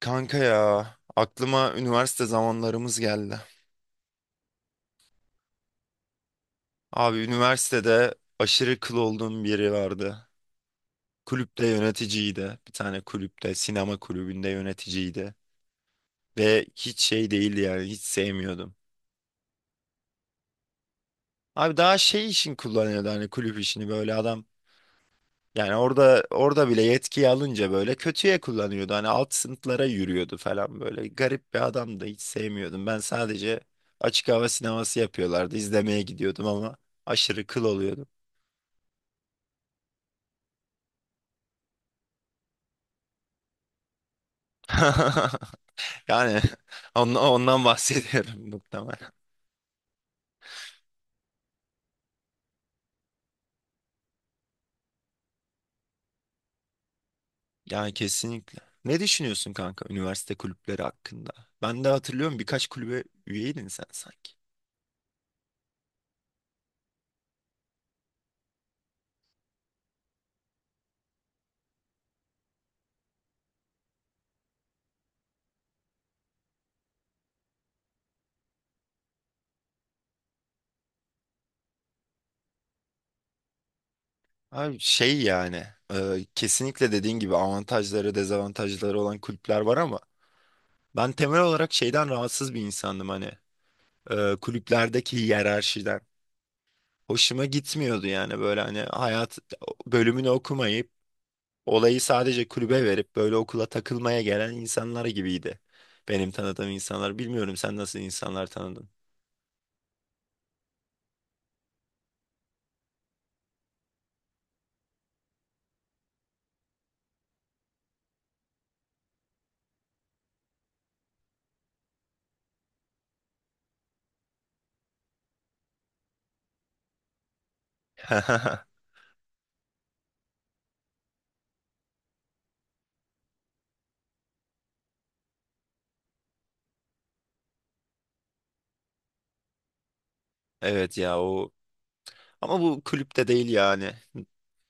Kanka ya, aklıma üniversite zamanlarımız geldi. Abi üniversitede aşırı kıl olduğum biri vardı. Kulüpte yöneticiydi. Bir tane kulüpte, sinema kulübünde yöneticiydi. Ve hiç şey değildi, yani hiç sevmiyordum. Abi daha şey için kullanıyordu, hani kulüp işini, böyle adam. Yani orada bile yetkiyi alınca böyle kötüye kullanıyordu. Hani alt sınıflara yürüyordu falan böyle. Garip bir adamdı. Hiç sevmiyordum. Ben sadece açık hava sineması yapıyorlardı. İzlemeye gidiyordum ama aşırı kıl oluyordum. Yani ondan bahsediyorum muhtemelen. Yani kesinlikle. Ne düşünüyorsun kanka, üniversite kulüpleri hakkında? Ben de hatırlıyorum, birkaç kulübe üyeydin sen sanki. Abi şey yani, kesinlikle dediğin gibi avantajları dezavantajları olan kulüpler var ama ben temel olarak şeyden rahatsız bir insandım, hani kulüplerdeki hiyerarşiden. Hoşuma gitmiyordu yani, böyle hani hayat bölümünü okumayıp olayı sadece kulübe verip böyle okula takılmaya gelen insanlar gibiydi. Benim tanıdığım insanlar, bilmiyorum sen nasıl insanlar tanıdın? Evet ya, o ama bu kulüpte değil yani.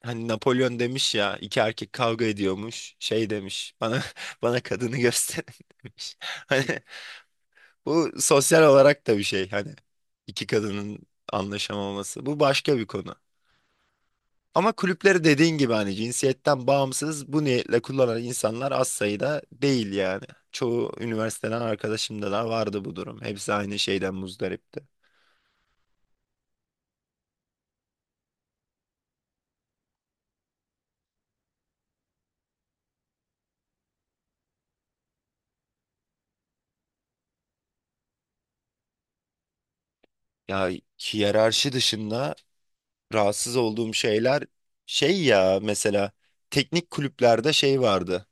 Hani Napolyon demiş ya, iki erkek kavga ediyormuş, şey demiş, bana bana kadını gösterin demiş. Hani bu sosyal olarak da bir şey, hani iki kadının anlaşamaması. Bu başka bir konu. Ama kulüpleri dediğin gibi hani cinsiyetten bağımsız bu niyetle kullanan insanlar az sayıda değil yani. Çoğu üniversiteden arkadaşımda da vardı bu durum. Hepsi aynı şeyden muzdaripti. Ya hiyerarşi dışında rahatsız olduğum şeyler, şey ya mesela teknik kulüplerde şey vardı.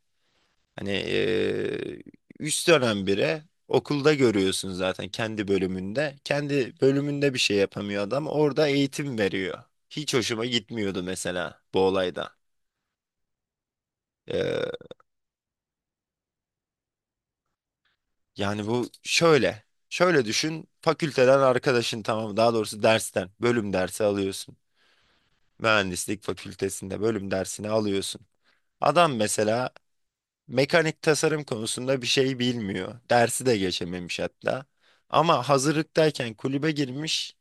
Hani üst dönem biri, okulda görüyorsun zaten kendi bölümünde. Kendi bölümünde bir şey yapamıyor adam. Orada eğitim veriyor. Hiç hoşuma gitmiyordu mesela bu olayda. Eee, yani bu şöyle. Şöyle düşün. Fakülteden arkadaşın, tamam daha doğrusu dersten bölüm dersi alıyorsun. Mühendislik fakültesinde bölüm dersini alıyorsun. Adam mesela mekanik tasarım konusunda bir şey bilmiyor. Dersi de geçememiş hatta. Ama hazırlıktayken kulübe girmiş.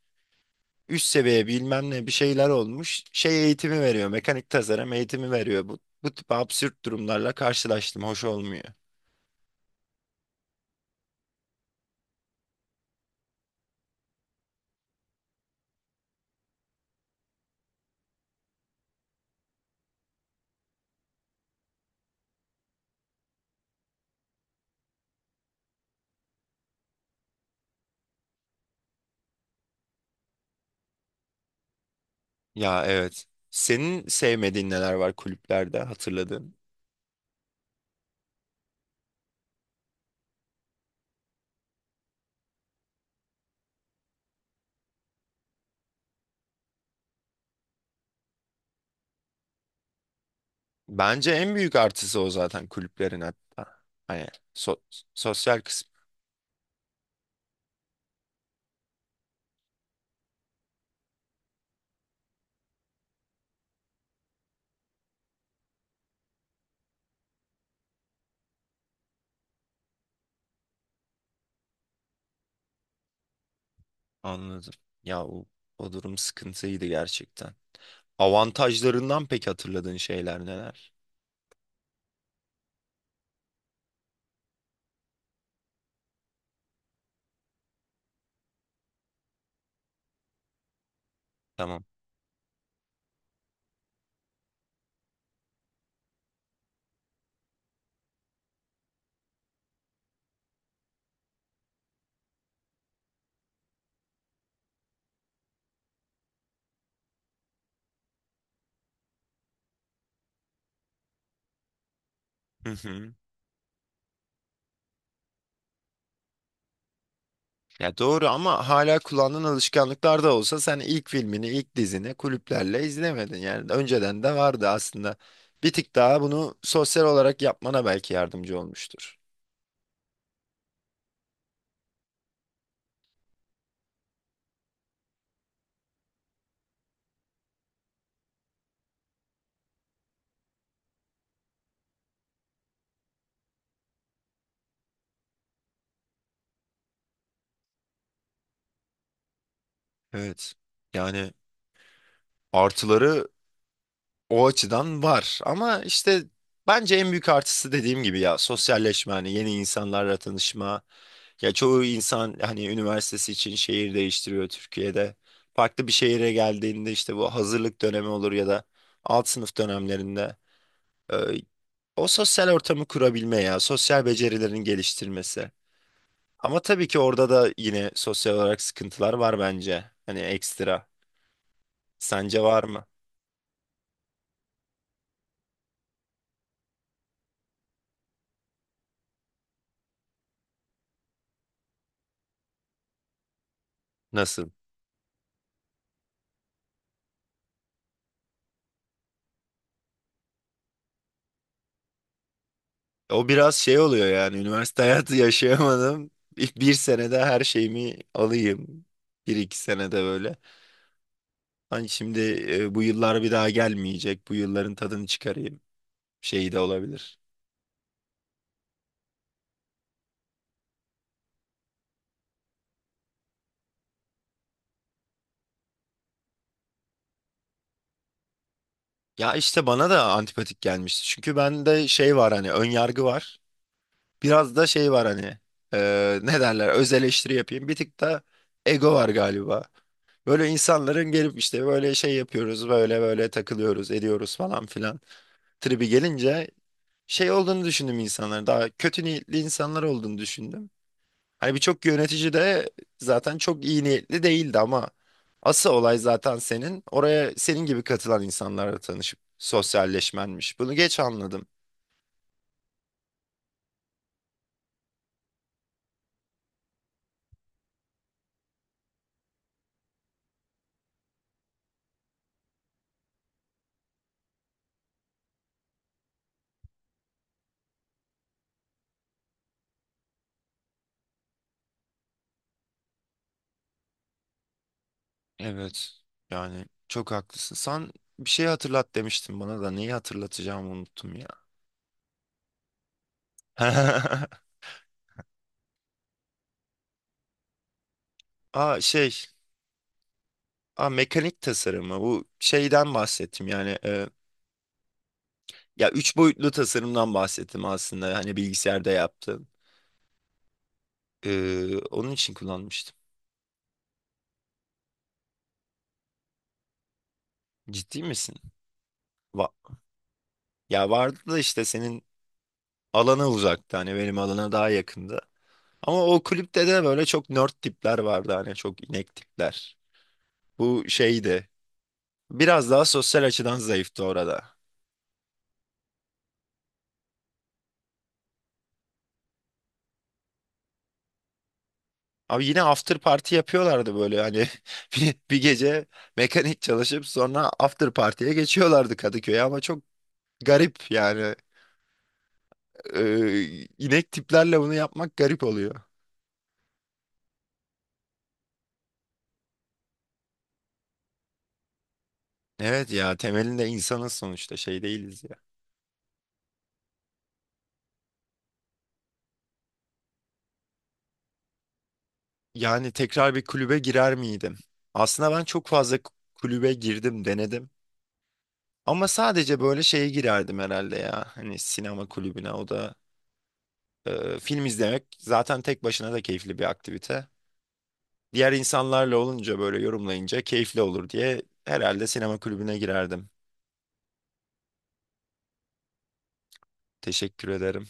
Üst seviye bilmem ne bir şeyler olmuş. Şey eğitimi veriyor. Mekanik tasarım eğitimi veriyor. Bu tip absürt durumlarla karşılaştım. Hoş olmuyor. Ya evet. Senin sevmediğin neler var kulüplerde, hatırladığın? Bence en büyük artısı o zaten kulüplerin, hatta hani so- sosyal kısmı. Anladım. Ya o durum sıkıntıydı gerçekten. Avantajlarından pek hatırladığın şeyler neler? Tamam. Hı hı. Ya doğru, ama hala kullandığın alışkanlıklar da olsa, sen ilk filmini, ilk dizini kulüplerle izlemedin. Yani önceden de vardı aslında. Bir tık daha bunu sosyal olarak yapmana belki yardımcı olmuştur. Evet. Yani artıları o açıdan var, ama işte bence en büyük artısı dediğim gibi ya sosyalleşme, hani yeni insanlarla tanışma. Ya çoğu insan hani üniversitesi için şehir değiştiriyor Türkiye'de. Farklı bir şehire geldiğinde, işte bu hazırlık dönemi olur ya da alt sınıf dönemlerinde, e, o sosyal ortamı kurabilme ya sosyal becerilerin geliştirmesi. Ama tabii ki orada da yine sosyal olarak sıkıntılar var bence. Hani ekstra. Sence var mı? Nasıl? O biraz şey oluyor yani, üniversite hayatı yaşayamadım. İlk bir senede her şeyimi alayım. Bir iki senede böyle. Hani şimdi bu yıllar bir daha gelmeyecek. Bu yılların tadını çıkarayım şeyi de olabilir. Ya işte bana da antipatik gelmişti. Çünkü bende şey var, hani ön yargı var. Biraz da şey var hani, ne derler, öz eleştiri yapayım. Bir tık da ego var galiba. Böyle insanların gelip işte böyle şey yapıyoruz, böyle böyle takılıyoruz ediyoruz falan filan tribi gelince, şey olduğunu düşündüm, insanların daha kötü niyetli insanlar olduğunu düşündüm. Hani birçok yönetici de zaten çok iyi niyetli değildi, ama asıl olay zaten senin oraya, senin gibi katılan insanlarla tanışıp sosyalleşmenmiş. Bunu geç anladım. Evet. Yani çok haklısın. Sen bir şey hatırlat demiştin, bana da neyi hatırlatacağımı unuttum ya. Aa şey, aa mekanik tasarımı, bu şeyden bahsettim yani, ya üç boyutlu tasarımdan bahsettim aslında, hani bilgisayarda yaptığım. Onun için kullanmıştım. Ciddi misin? Ya vardı da, işte senin alana uzaktı, hani benim alana daha yakındı. Ama o kulüpte de böyle çok nerd tipler vardı, hani çok inek tipler. Bu şeydi. Biraz daha sosyal açıdan zayıftı orada. Abi yine after party yapıyorlardı böyle hani bir gece mekanik çalışıp sonra after party'ye geçiyorlardı Kadıköy'e, ama çok garip yani. İnek tiplerle bunu yapmak garip oluyor. Evet ya, temelinde insanız sonuçta, şey değiliz ya. Yani tekrar bir kulübe girer miydim? Aslında ben çok fazla kulübe girdim, denedim. Ama sadece böyle şeye girerdim herhalde ya. Hani sinema kulübüne, o da film izlemek zaten tek başına da keyifli bir aktivite. Diğer insanlarla olunca, böyle yorumlayınca keyifli olur diye herhalde sinema kulübüne girerdim. Teşekkür ederim.